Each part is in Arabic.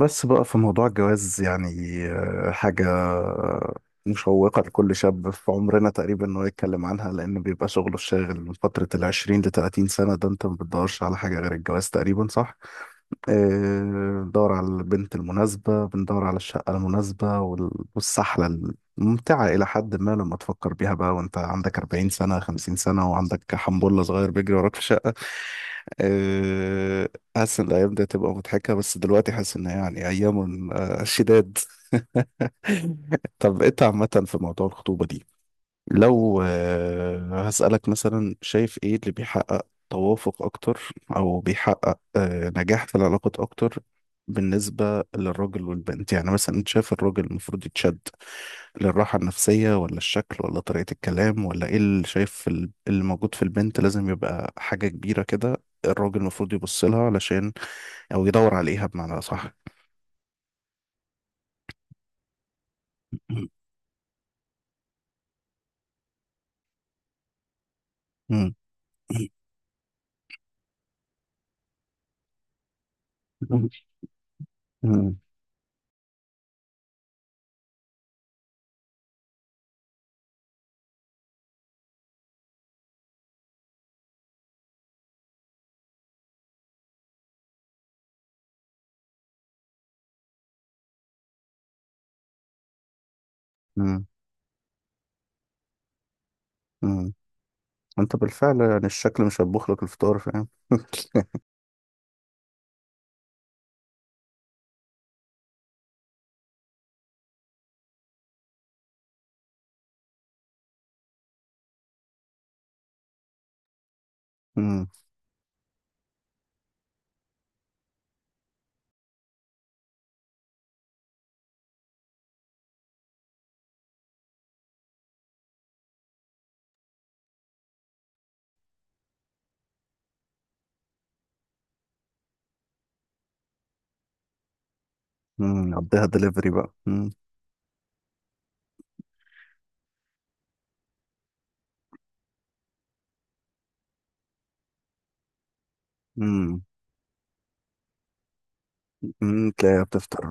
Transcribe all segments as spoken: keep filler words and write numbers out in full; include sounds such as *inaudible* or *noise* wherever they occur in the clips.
بس بقى في موضوع الجواز يعني آه، حاجة مشوقة لكل شاب في عمرنا تقريبا إنه يتكلم عنها، لأن بيبقى شغله الشاغل من فترة العشرين لتلاتين سنة. ده أنت ما بتدورش على حاجة غير الجواز تقريبا، صح؟ آه، بندور على البنت المناسبة، بندور على الشقة المناسبة، وال- والسحلة الممتعة إلى حد ما لما تفكر بيها بقى وأنت عندك أربعين سنة خمسين سنة وعندك حنبلة صغير بيجري وراك في الشقة. آه، حاسس إن الأيام دي هتبقى مضحكة، بس دلوقتي حاسس إن هي يعني أيام آه، شداد. *laughs* طب أنت عامة في موضوع الخطوبة دي، لو آه، هسألك مثلا، شايف ايه اللي بيحقق توافق اكتر، او بيحقق آه، نجاح في العلاقات اكتر بالنسبة للراجل والبنت؟ يعني مثلا انت شايف الراجل المفروض يتشد للراحة النفسية، ولا الشكل، ولا طريقة الكلام، ولا ايه اللي شايف في ال- اللي موجود في البنت لازم يبقى حاجة كبيرة كده الراجل المفروض يبص لها علشان، او يدور عليها بمعنى صح؟ *coughs* انت بالفعل يعني الشكل مش هيطبخ لك الفطار، فاهم؟ *laughs* امم. امم، عديها دليفري بقى. امم. امم. امم تلاقيها بتفطر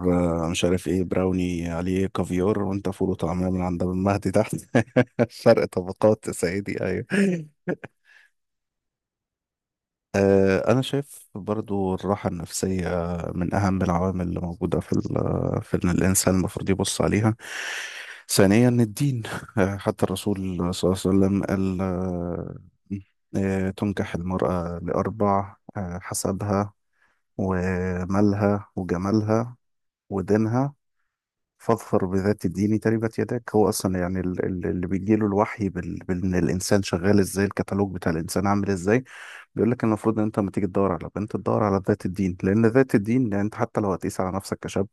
آه، مش عارف ايه براوني عليه كافيار، وانت فول وطعميه من عند المهدي تحت. *laughs* فرق طبقات يا سيدي، ايوه. آه، أنا شايف برضو الراحة النفسية من أهم العوامل اللي موجودة في ال- في إن الإنسان المفروض يبص عليها. ثانيا الدين، آه، حتى الرسول صلى الله عليه وسلم قال آه، آه، تنكح المرأة لأربع، آه، حسبها ومالها وجمالها ودينها، فاظفر بذات الدين تربت يداك. هو أصلا يعني ال- ال- اللي بيجيله الوحي بال- بإن الإنسان شغال إزاي، الكتالوج بتاع الإنسان عامل إزاي، بيقول لك المفروض ان انت لما تيجي تدور على بنت تدور على ذات الدين. لان ذات الدين يعني انت حتى لو هتقيس على نفسك كشاب،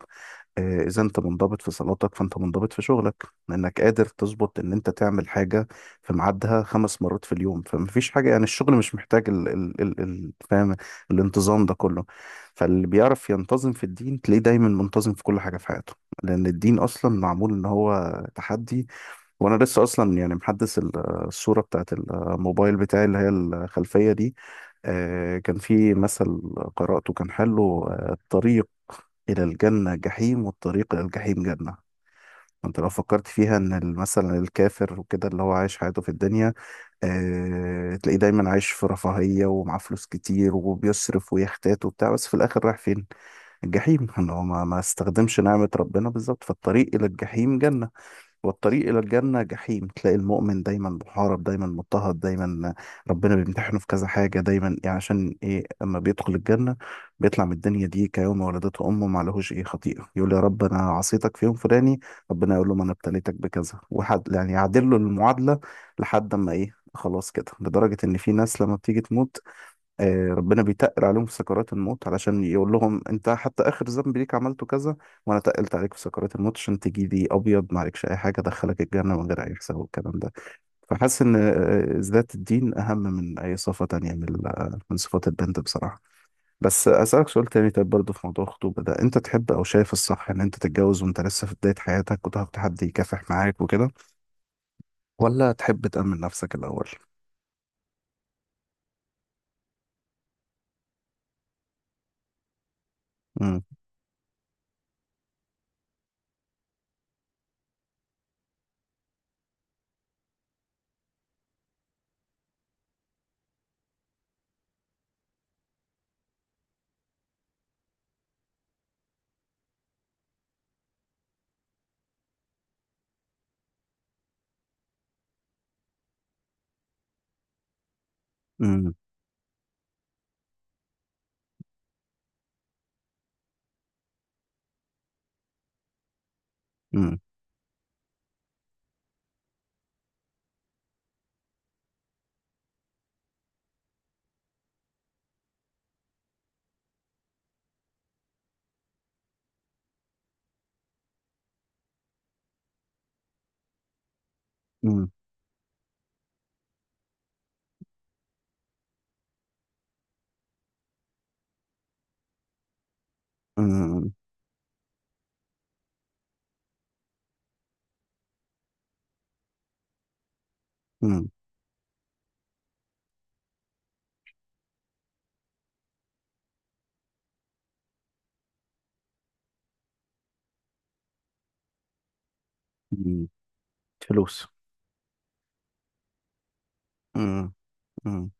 آه، اذا انت منضبط في صلاتك فانت منضبط في شغلك، لانك قادر تظبط ان انت تعمل حاجه في ميعادها خمس مرات في اليوم، فمفيش حاجه يعني الشغل مش محتاج ال ال ال ال فاهم؟ الانتظام ده كله، فاللي بيعرف ينتظم في الدين تلاقيه دايما منتظم في كل حاجه في حياته، لان الدين اصلا معمول ان هو تحدي. وانا لسه اصلا يعني محدث ال- الصوره بتاعت الموبايل بتاعي اللي هي الخلفيه دي. آه، كان في مثل قرأته كان حلو، آه، الطريق إلى الجنة جحيم والطريق إلى الجحيم جنة. انت لو فكرت فيها ان ال- مثلا الكافر وكده اللي هو عايش حياته في الدنيا، اه تلاقيه دايما عايش في رفاهية ومعاه فلوس كتير، وبيصرف ويحتاج وبتاع، بس في الاخر رايح فين؟ الجحيم. ان هو ما, ما استخدمش نعمة ربنا بالظبط. فالطريق الى الجحيم جنة، والطريق إلى الجنة جحيم. تلاقي المؤمن دايما محارب، دايما مضطهد، دايما ربنا بيمتحنه في كذا حاجة، دايما يعني عشان إيه؟ أما بيدخل الجنة بيطلع من الدنيا دي كيوم ولدته أمه، ما لهوش إيه خطيئة. يقول: يا رب أنا عصيتك في يوم فلاني، ربنا يقول له: ما أنا ابتليتك بكذا، وحد، يعني يعدل له المعادلة لحد أما إيه خلاص كده. لدرجة إن في ناس لما بتيجي تموت آه، ربنا بيتقل عليهم في سكرات الموت علشان يقول لهم: انت حتى اخر ذنب ليك عملته كذا، وانا تقلت عليك في سكرات الموت عشان تجي لي ابيض ما عليكش اي حاجه، ادخلك الجنه من غير اي حساب، والكلام ده. فحاسس ان آه، ذات الدين اهم من اي صفه تانية من ال- آه، من صفات البنت بصراحه. بس اسالك سؤال تاني، طيب برضه في موضوع الخطوبه ده، انت تحب او شايف الصح ان انت تتجوز وانت لسه في بدايه حياتك وتاخد حد يكافح معاك وكده؟ ولا تحب تامن نفسك الاول؟ امم. امم. امم. امم. امم، فلوس. امم. امم.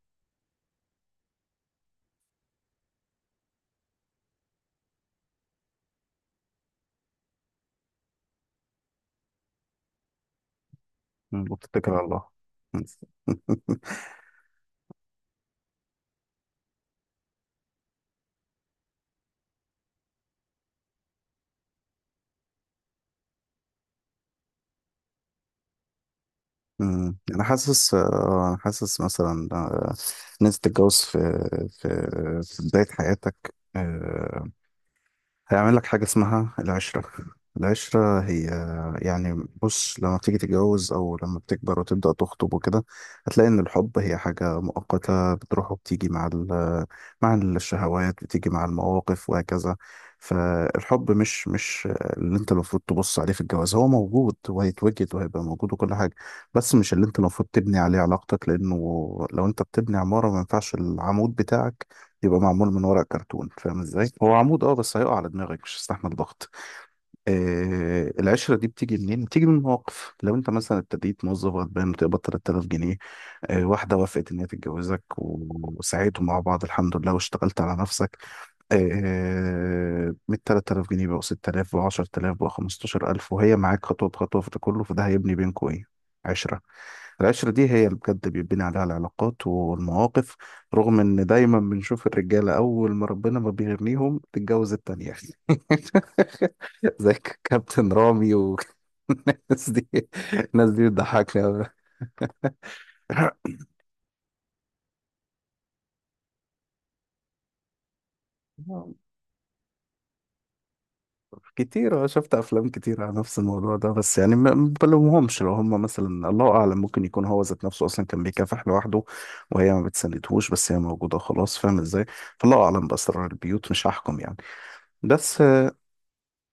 وبتتكل على الله. مم. *laughs* مم. انا حاسس آه، انا حاسس مثلا آه، ان انت تتجوز في في في بدايه حياتك آه، هيعمل لك حاجة اسمها العشرة. العشرة هي، يعني بص لما بتيجي تتجوز أو لما بتكبر وتبدأ تخطب وكده، هتلاقي إن الحب هي حاجة مؤقتة، بتروح وبتيجي مع ال مع الشهوات، بتيجي مع المواقف وهكذا. فالحب مش مش اللي أنت المفروض تبص عليه في الجواز، هو موجود وهيتوجد وهيبقى موجود وكل حاجة، بس مش اللي أنت المفروض تبني عليه علاقتك. لأنه لو أنت بتبني عمارة ما ينفعش العمود بتاعك يبقى معمول من ورق كرتون، فاهم ازاي؟ هو عمود اه، بس هيقع على دماغك مش هيستحمل ضغط. آه، العشرة دي بتيجي منين؟ بتيجي من مواقف، لو انت مثلا ابتديت موظف غلبان بتقبض تلات آلاف جنيه، آه، واحدة وافقت ان هي تتجوزك، وسعيتوا مع بعض الحمد لله واشتغلت على نفسك آه، آه، من تلات آلاف جنيه بقوا ست آلاف بقوا عشرة آلاف بقوا خمستاشر ألف، وهي معاك خطوة بخطوة في ده كله. فده هيبني بينكوا ايه؟ عشرة. العشرة دي هي اللي بجد بيبني عليها العلاقات والمواقف. رغم ان دايما بنشوف الرجالة اول ما ربنا ما بيغنيهم تتجوز التانية. *laughs* زي ك- كابتن رامي والناس *laughs* دي. الناس دي بتضحكني أوي كتير. أه، شفت أفلام كتير على نفس الموضوع ده، بس يعني ما ما بلومهمش، لو هم مثلا الله أعلم ممكن يكون هو ذات نفسه أصلا كان بيكافح لوحده وهي ما بتساندهوش، بس هي موجودة خلاص، فاهم إزاي؟ فالله أعلم بأسرار البيوت، مش هحكم يعني. بس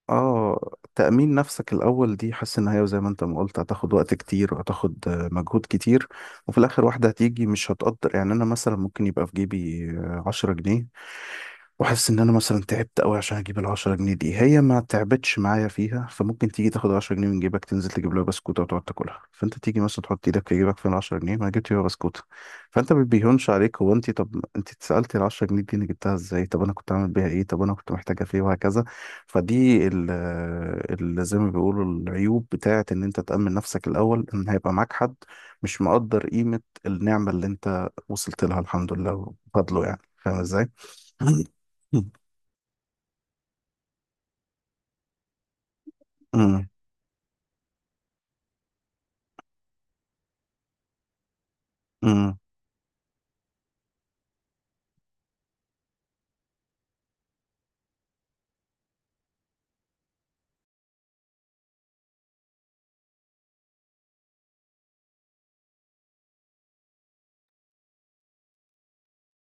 اه، تأمين نفسك الأول دي حاسس إن هي زي ما أنت ما قلت هتاخد وقت كتير، وهتاخد آه، مجهود كتير، وفي الآخر واحدة هتيجي مش هتقدر. يعني أنا مثلا ممكن يبقى في جيبي عشرة جنيه، وحاسس ان انا مثلا تعبت قوي عشان اجيب العشرة جنيه دي، هي ما تعبتش معايا فيها، فممكن تيجي تاخد عشرة جنيه من جيبك تنزل تجيب لها بسكوتة وتقعد تاكلها، فانت تيجي مثلا تحط ايدك في جيبك، فين العشرة جنيه؟ ما أنا جبت بيها بسكوتة. فانت ما بيهونش عليك هو. انت طب انت اتسألتي العشرة جنيه دي انا جبتها ازاي، طب انا كنت عامل بيها ايه، طب انا كنت محتاجة في ايه، وهكذا. فدي ال- ال- زي ما بيقولوا العيوب بتاعة ان انت تأمن نفسك الاول، ان هيبقى معاك حد مش مقدر قيمة النعمة اللي انت وصلت لها الحمد لله وفضله، يعني فاهم ازاي؟ أمم. أمم.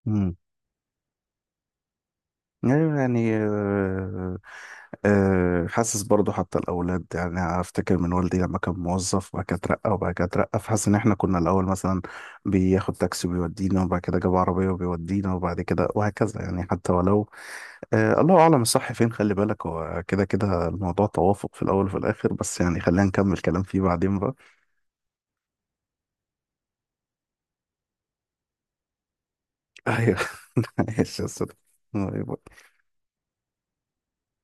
أمم. أيوة. يعني آه، آه، حاسس برضو حتى الأولاد، يعني أفتكر من والدي لما كان موظف وبعد كده اترقى وبعد كده اترقى، فحاسس إن إحنا كنا الأول مثلا بياخد تاكسي وبيودينا، وبعد كده جاب عربية وبيودينا، وبعد كده وهكذا. يعني حتى ولو آه، الله أعلم الصح فين. خلي بالك هو كده كده الموضوع توافق في الأول وفي الآخر، بس يعني خلينا نكمل كلام فيه بعدين بقى. أيوه. *laughs* ماشي يا أستاذ. باي باي.